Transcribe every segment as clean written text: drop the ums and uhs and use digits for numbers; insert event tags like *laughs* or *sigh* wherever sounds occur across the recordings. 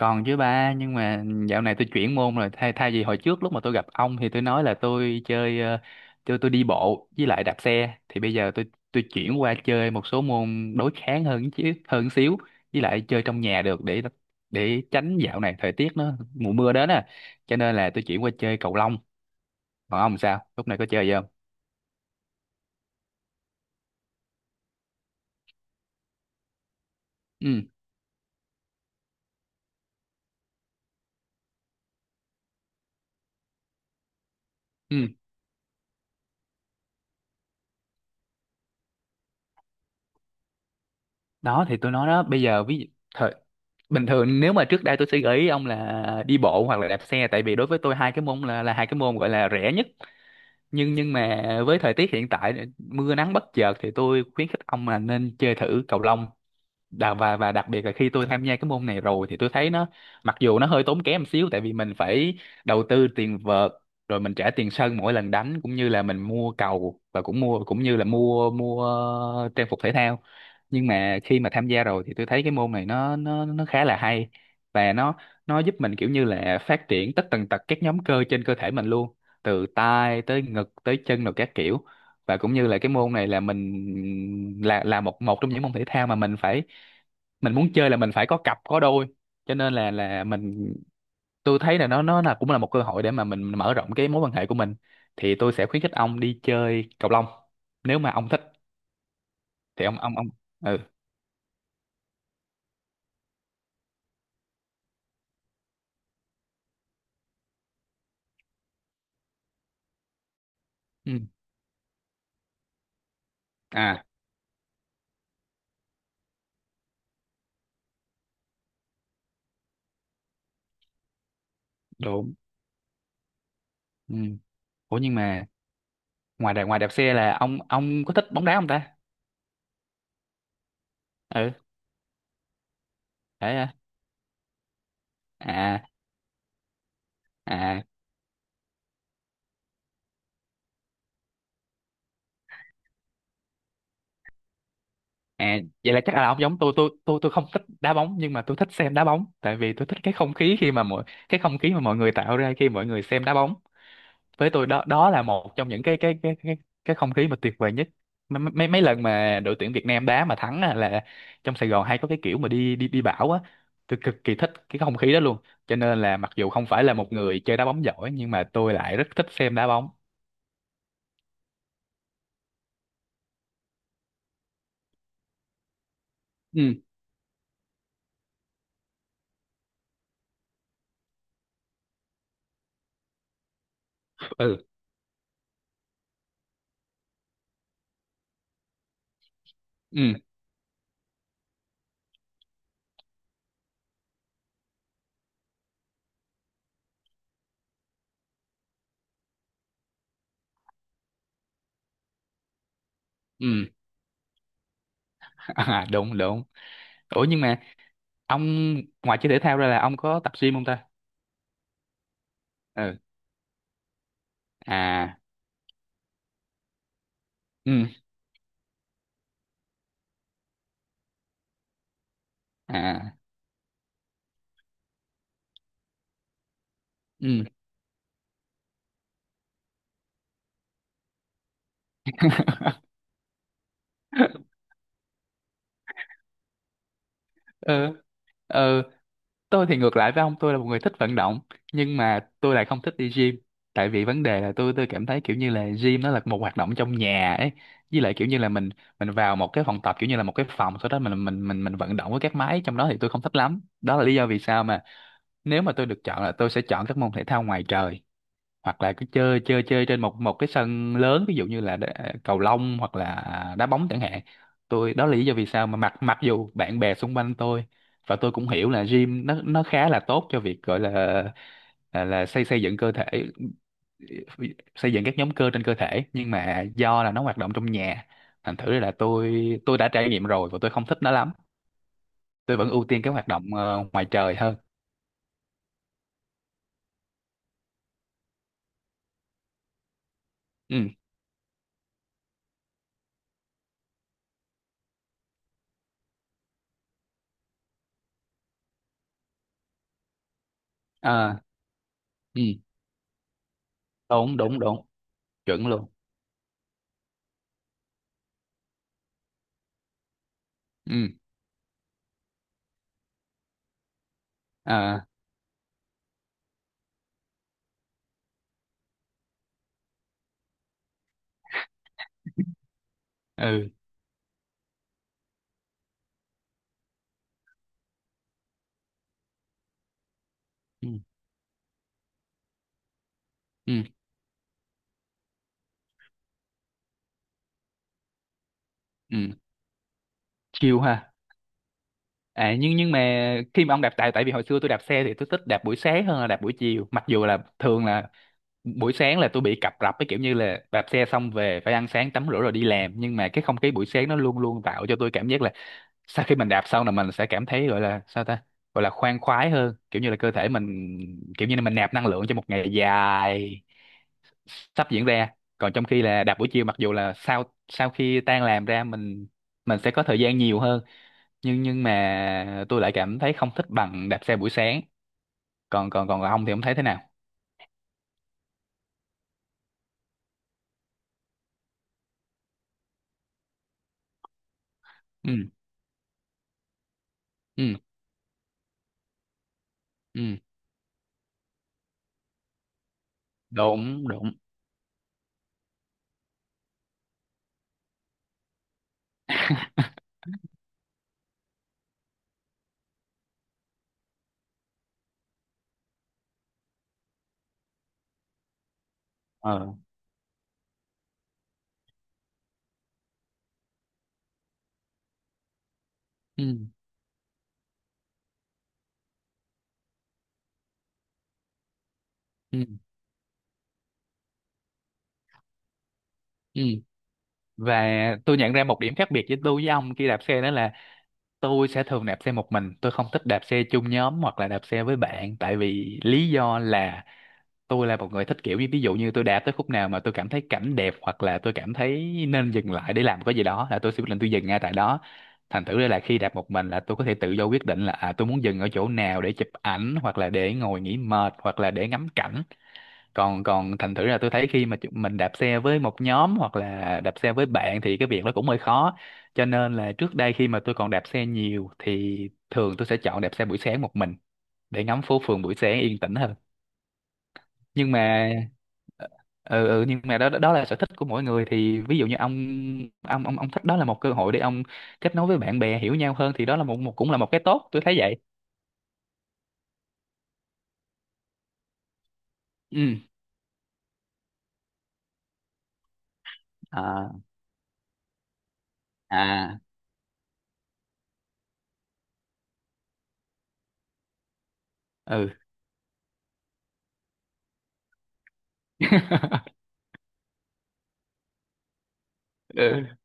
Còn chứ ba, nhưng mà dạo này tôi chuyển môn rồi. Thay thay vì hồi trước lúc mà tôi gặp ông thì tôi nói là tôi chơi, tôi đi bộ với lại đạp xe, thì bây giờ tôi chuyển qua chơi một số môn đối kháng hơn chứ, hơn xíu, với lại chơi trong nhà được, để tránh dạo này thời tiết nó mùa mưa đến à. Cho nên là tôi chuyển qua chơi cầu lông. Còn ông sao? Lúc này có chơi gì không? Ừ. Ừ. Đó thì tôi nói đó, bây giờ ví dụ thời bình thường, nếu mà trước đây tôi sẽ gợi ý ông là đi bộ hoặc là đạp xe, tại vì đối với tôi hai cái môn là hai cái môn gọi là rẻ nhất. Nhưng mà với thời tiết hiện tại mưa nắng bất chợt thì tôi khuyến khích ông là nên chơi thử cầu lông. Và đặc biệt là khi tôi tham gia cái môn này rồi thì tôi thấy nó, mặc dù nó hơi tốn kém một xíu tại vì mình phải đầu tư tiền vợt, rồi mình trả tiền sân mỗi lần đánh, cũng như là mình mua cầu, và cũng như là mua mua trang phục thể thao. Nhưng mà khi mà tham gia rồi thì tôi thấy cái môn này nó khá là hay, và nó giúp mình kiểu như là phát triển tất tần tật các nhóm cơ trên cơ thể mình luôn, từ tay tới ngực tới chân rồi các kiểu. Và cũng như là cái môn này là mình là một một trong những môn thể thao mà mình muốn chơi là mình phải có cặp có đôi, cho nên là tôi thấy là nó là cũng là một cơ hội để mà mình mở rộng cái mối quan hệ của mình. Thì tôi sẽ khuyến khích ông đi chơi cầu lông, nếu mà ông thích thì ông. Ừ, ừ. À, đúng. Ừ. Ủa nhưng mà ngoài đạp xe là ông có thích bóng đá không ta? Ừ. Đấy à. À, à, à, vậy là chắc là ông giống Tôi không thích đá bóng, nhưng mà tôi thích xem đá bóng, tại vì tôi thích cái không khí mà mọi người tạo ra khi mọi người xem đá bóng. Với tôi đó đó là một trong những cái không khí mà tuyệt vời nhất. Mấy mấy mấy lần mà đội tuyển Việt Nam đá mà thắng á, là trong Sài Gòn hay có cái kiểu mà đi đi đi bão á, tôi cực kỳ thích cái không khí đó luôn. Cho nên là mặc dù không phải là một người chơi đá bóng giỏi, nhưng mà tôi lại rất thích xem đá bóng. Ừ. Ừ. Ừ. Ừ. *laughs* À, đúng, đúng. Ủa nhưng mà ông, ngoài chơi thể thao ra là ông có tập gym không ta? Ừ. À. Ừ. À. Ừ. *laughs* Ừ. Ừ. Tôi thì ngược lại với ông, tôi là một người thích vận động, nhưng mà tôi lại không thích đi gym. Tại vì vấn đề là tôi cảm thấy kiểu như là gym nó là một hoạt động trong nhà ấy. Với lại kiểu như là mình vào một cái phòng tập, kiểu như là một cái phòng, sau đó mình vận động với các máy trong đó thì tôi không thích lắm. Đó là lý do vì sao mà nếu mà tôi được chọn là tôi sẽ chọn các môn thể thao ngoài trời, hoặc là cứ chơi chơi chơi trên một một cái sân lớn, ví dụ như là cầu lông hoặc là đá bóng chẳng hạn. Tôi, đó là lý do vì sao mà mặc mặc dù bạn bè xung quanh tôi, và tôi cũng hiểu là gym nó khá là tốt cho việc gọi là xây xây dựng cơ thể, xây dựng các nhóm cơ trên cơ thể, nhưng mà do là nó hoạt động trong nhà, thành thử là tôi đã trải nghiệm rồi và tôi không thích nó lắm. Tôi vẫn ưu tiên cái hoạt động ngoài trời hơn. Ừ. À, ừ. Đúng, đúng, đúng. Chuẩn luôn. Ừ. À. Ừ. Ừ. Ừ. Ừ. Chiều ha. À, nhưng mà khi mà ông đạp tại tại vì hồi xưa tôi đạp xe thì tôi thích đạp buổi sáng hơn là đạp buổi chiều, mặc dù là thường là buổi sáng là tôi bị cập rập, cái kiểu như là đạp xe xong về phải ăn sáng tắm rửa rồi đi làm, nhưng mà cái không khí buổi sáng nó luôn luôn tạo cho tôi cảm giác là sau khi mình đạp xong là mình sẽ cảm thấy gọi là sao ta, gọi là khoan khoái hơn, kiểu như là cơ thể mình kiểu như là mình nạp năng lượng cho một ngày dài sắp diễn ra. Còn trong khi là đạp buổi chiều, mặc dù là sau sau khi tan làm ra mình sẽ có thời gian nhiều hơn, nhưng mà tôi lại cảm thấy không thích bằng đạp xe buổi sáng. Còn còn còn ông thì ông thấy thế nào? Ừ. Ừ. Ừ. Đúng, đúng. Ờ. Ừ. Ừ. Ừ. Và tôi nhận ra một điểm khác biệt với tôi với ông khi đạp xe, đó là tôi sẽ thường đạp xe một mình, tôi không thích đạp xe chung nhóm hoặc là đạp xe với bạn, tại vì lý do là tôi là một người thích kiểu như ví dụ như tôi đạp tới khúc nào mà tôi cảm thấy cảnh đẹp hoặc là tôi cảm thấy nên dừng lại để làm cái gì đó là tôi sẽ quyết định tôi dừng ngay tại đó. Thành thử ra là khi đạp một mình là tôi có thể tự do quyết định là à, tôi muốn dừng ở chỗ nào để chụp ảnh hoặc là để ngồi nghỉ mệt hoặc là để ngắm cảnh. Còn còn thành thử là tôi thấy khi mà mình đạp xe với một nhóm hoặc là đạp xe với bạn thì cái việc đó cũng hơi khó. Cho nên là trước đây khi mà tôi còn đạp xe nhiều thì thường tôi sẽ chọn đạp xe buổi sáng một mình, để ngắm phố phường buổi sáng yên tĩnh hơn. Nhưng mà ờ, ừ, ừ Nhưng mà đó đó là sở thích của mỗi người. Thì ví dụ như ông thích đó là một cơ hội để ông kết nối với bạn bè, hiểu nhau hơn, thì đó là một, cũng là một cái tốt, tôi thấy vậy. Ừ. À, à. Ừ. *laughs* Ừ.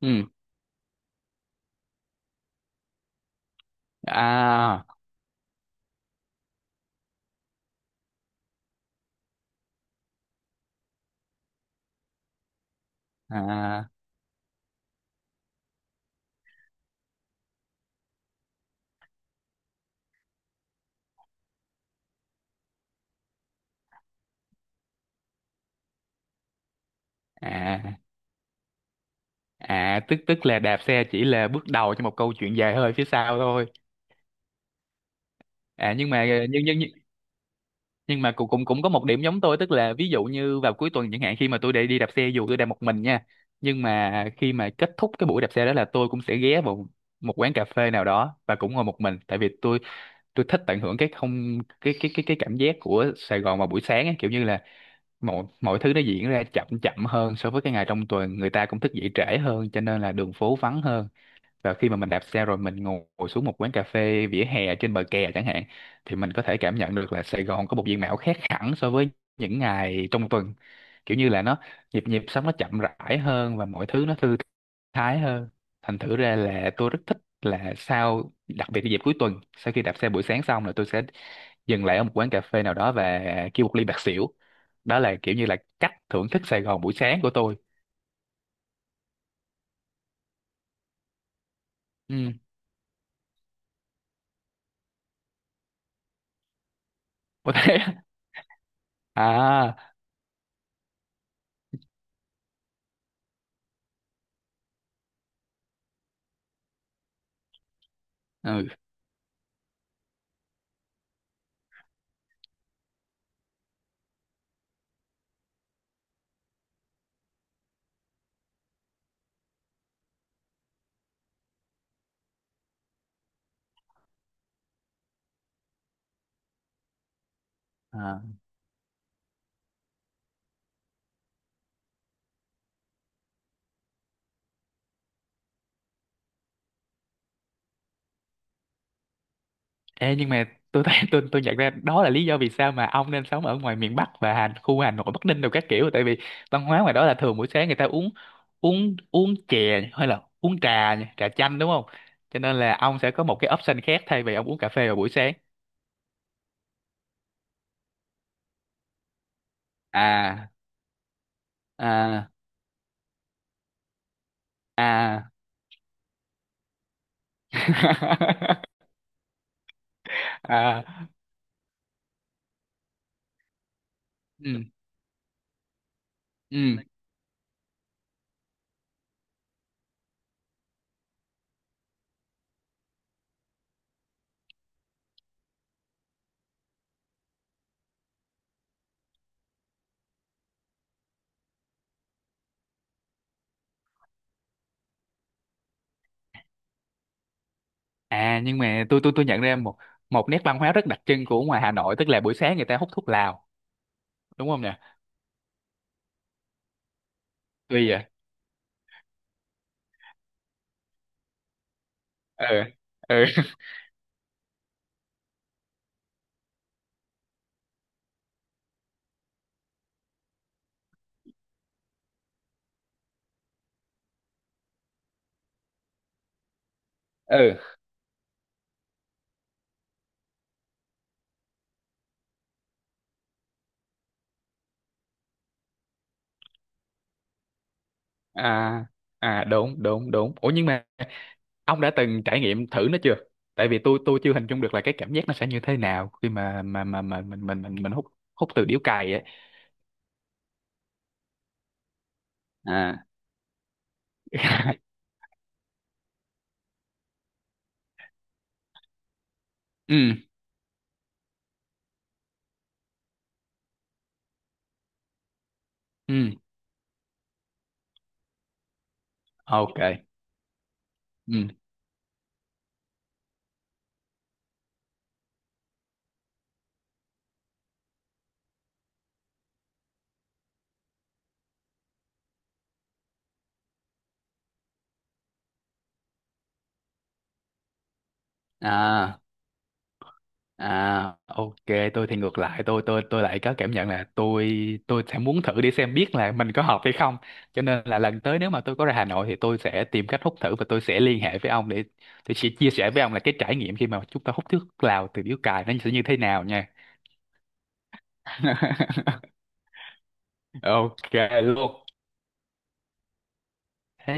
Ừ. À. À. À. À, tức tức là đạp xe chỉ là bước đầu cho một câu chuyện dài hơi phía sau thôi. À nhưng mà, nhưng nhưng nhưng nhưng mà cũng cũng cũng có một điểm giống tôi, tức là ví dụ như vào cuối tuần chẳng hạn, khi mà tôi đi đi đạp xe, dù tôi đạp một mình nha, nhưng mà khi mà kết thúc cái buổi đạp xe đó là tôi cũng sẽ ghé vào một quán cà phê nào đó và cũng ngồi một mình, tại vì tôi thích tận hưởng cái không cái cái cảm giác của Sài Gòn vào buổi sáng ấy, kiểu như là mọi mọi thứ nó diễn ra chậm chậm hơn so với cái ngày trong tuần, người ta cũng thức dậy trễ hơn cho nên là đường phố vắng hơn. Và khi mà mình đạp xe rồi mình ngồi xuống một quán cà phê vỉa hè trên bờ kè chẳng hạn, thì mình có thể cảm nhận được là Sài Gòn có một diện mạo khác hẳn so với những ngày trong tuần, kiểu như là nó, nhịp nhịp sống nó chậm rãi hơn và mọi thứ nó thư thái hơn. Thành thử ra là tôi rất thích là sau, đặc biệt là dịp cuối tuần, sau khi đạp xe buổi sáng xong là tôi sẽ dừng lại ở một quán cà phê nào đó và kêu một ly bạc xỉu. Đó là kiểu như là cách thưởng thức Sài Gòn buổi sáng của tôi. Ừ. Có thế. *laughs* À. Ừ. À. Ê, nhưng mà tôi thấy, tôi nhận ra đó là lý do vì sao mà ông nên sống ở ngoài miền Bắc, và khu Hà Nội, Bắc Ninh đồ các kiểu, tại vì văn hóa ngoài đó là thường buổi sáng người ta uống, uống chè hay là uống trà nhỉ, trà chanh, đúng không? Cho nên là ông sẽ có một cái option khác thay vì ông uống cà phê vào buổi sáng. À. À. À. *laughs* À. Ừ. Ừ. À nhưng mà tôi nhận ra một, nét văn hóa rất đặc trưng của ngoài Hà Nội, tức là buổi sáng người ta hút thuốc lào, đúng không nhỉ? Tuy vậy. Ừ. Ừ. *laughs* Ừ. À. À, đúng, đúng, đúng. Ủa nhưng mà ông đã từng trải nghiệm thử nó chưa? Tại vì tôi chưa hình dung được là cái cảm giác nó sẽ như thế nào khi mà, mình hút, từ điếu cày ấy. À. *laughs* Ừ. Ừ. OK. Ừ. À. À, ok, tôi thì ngược lại, tôi lại có cảm nhận là tôi sẽ muốn thử đi xem biết là mình có hợp hay không. Cho nên là lần tới nếu mà tôi có ra Hà Nội thì tôi sẽ tìm cách hút thử, và tôi sẽ liên hệ với ông để tôi sẽ chia sẻ với ông là cái trải nghiệm khi mà chúng ta hút thuốc lào từ điếu cày nó sẽ như thế nào nha. *laughs* Ok luôn.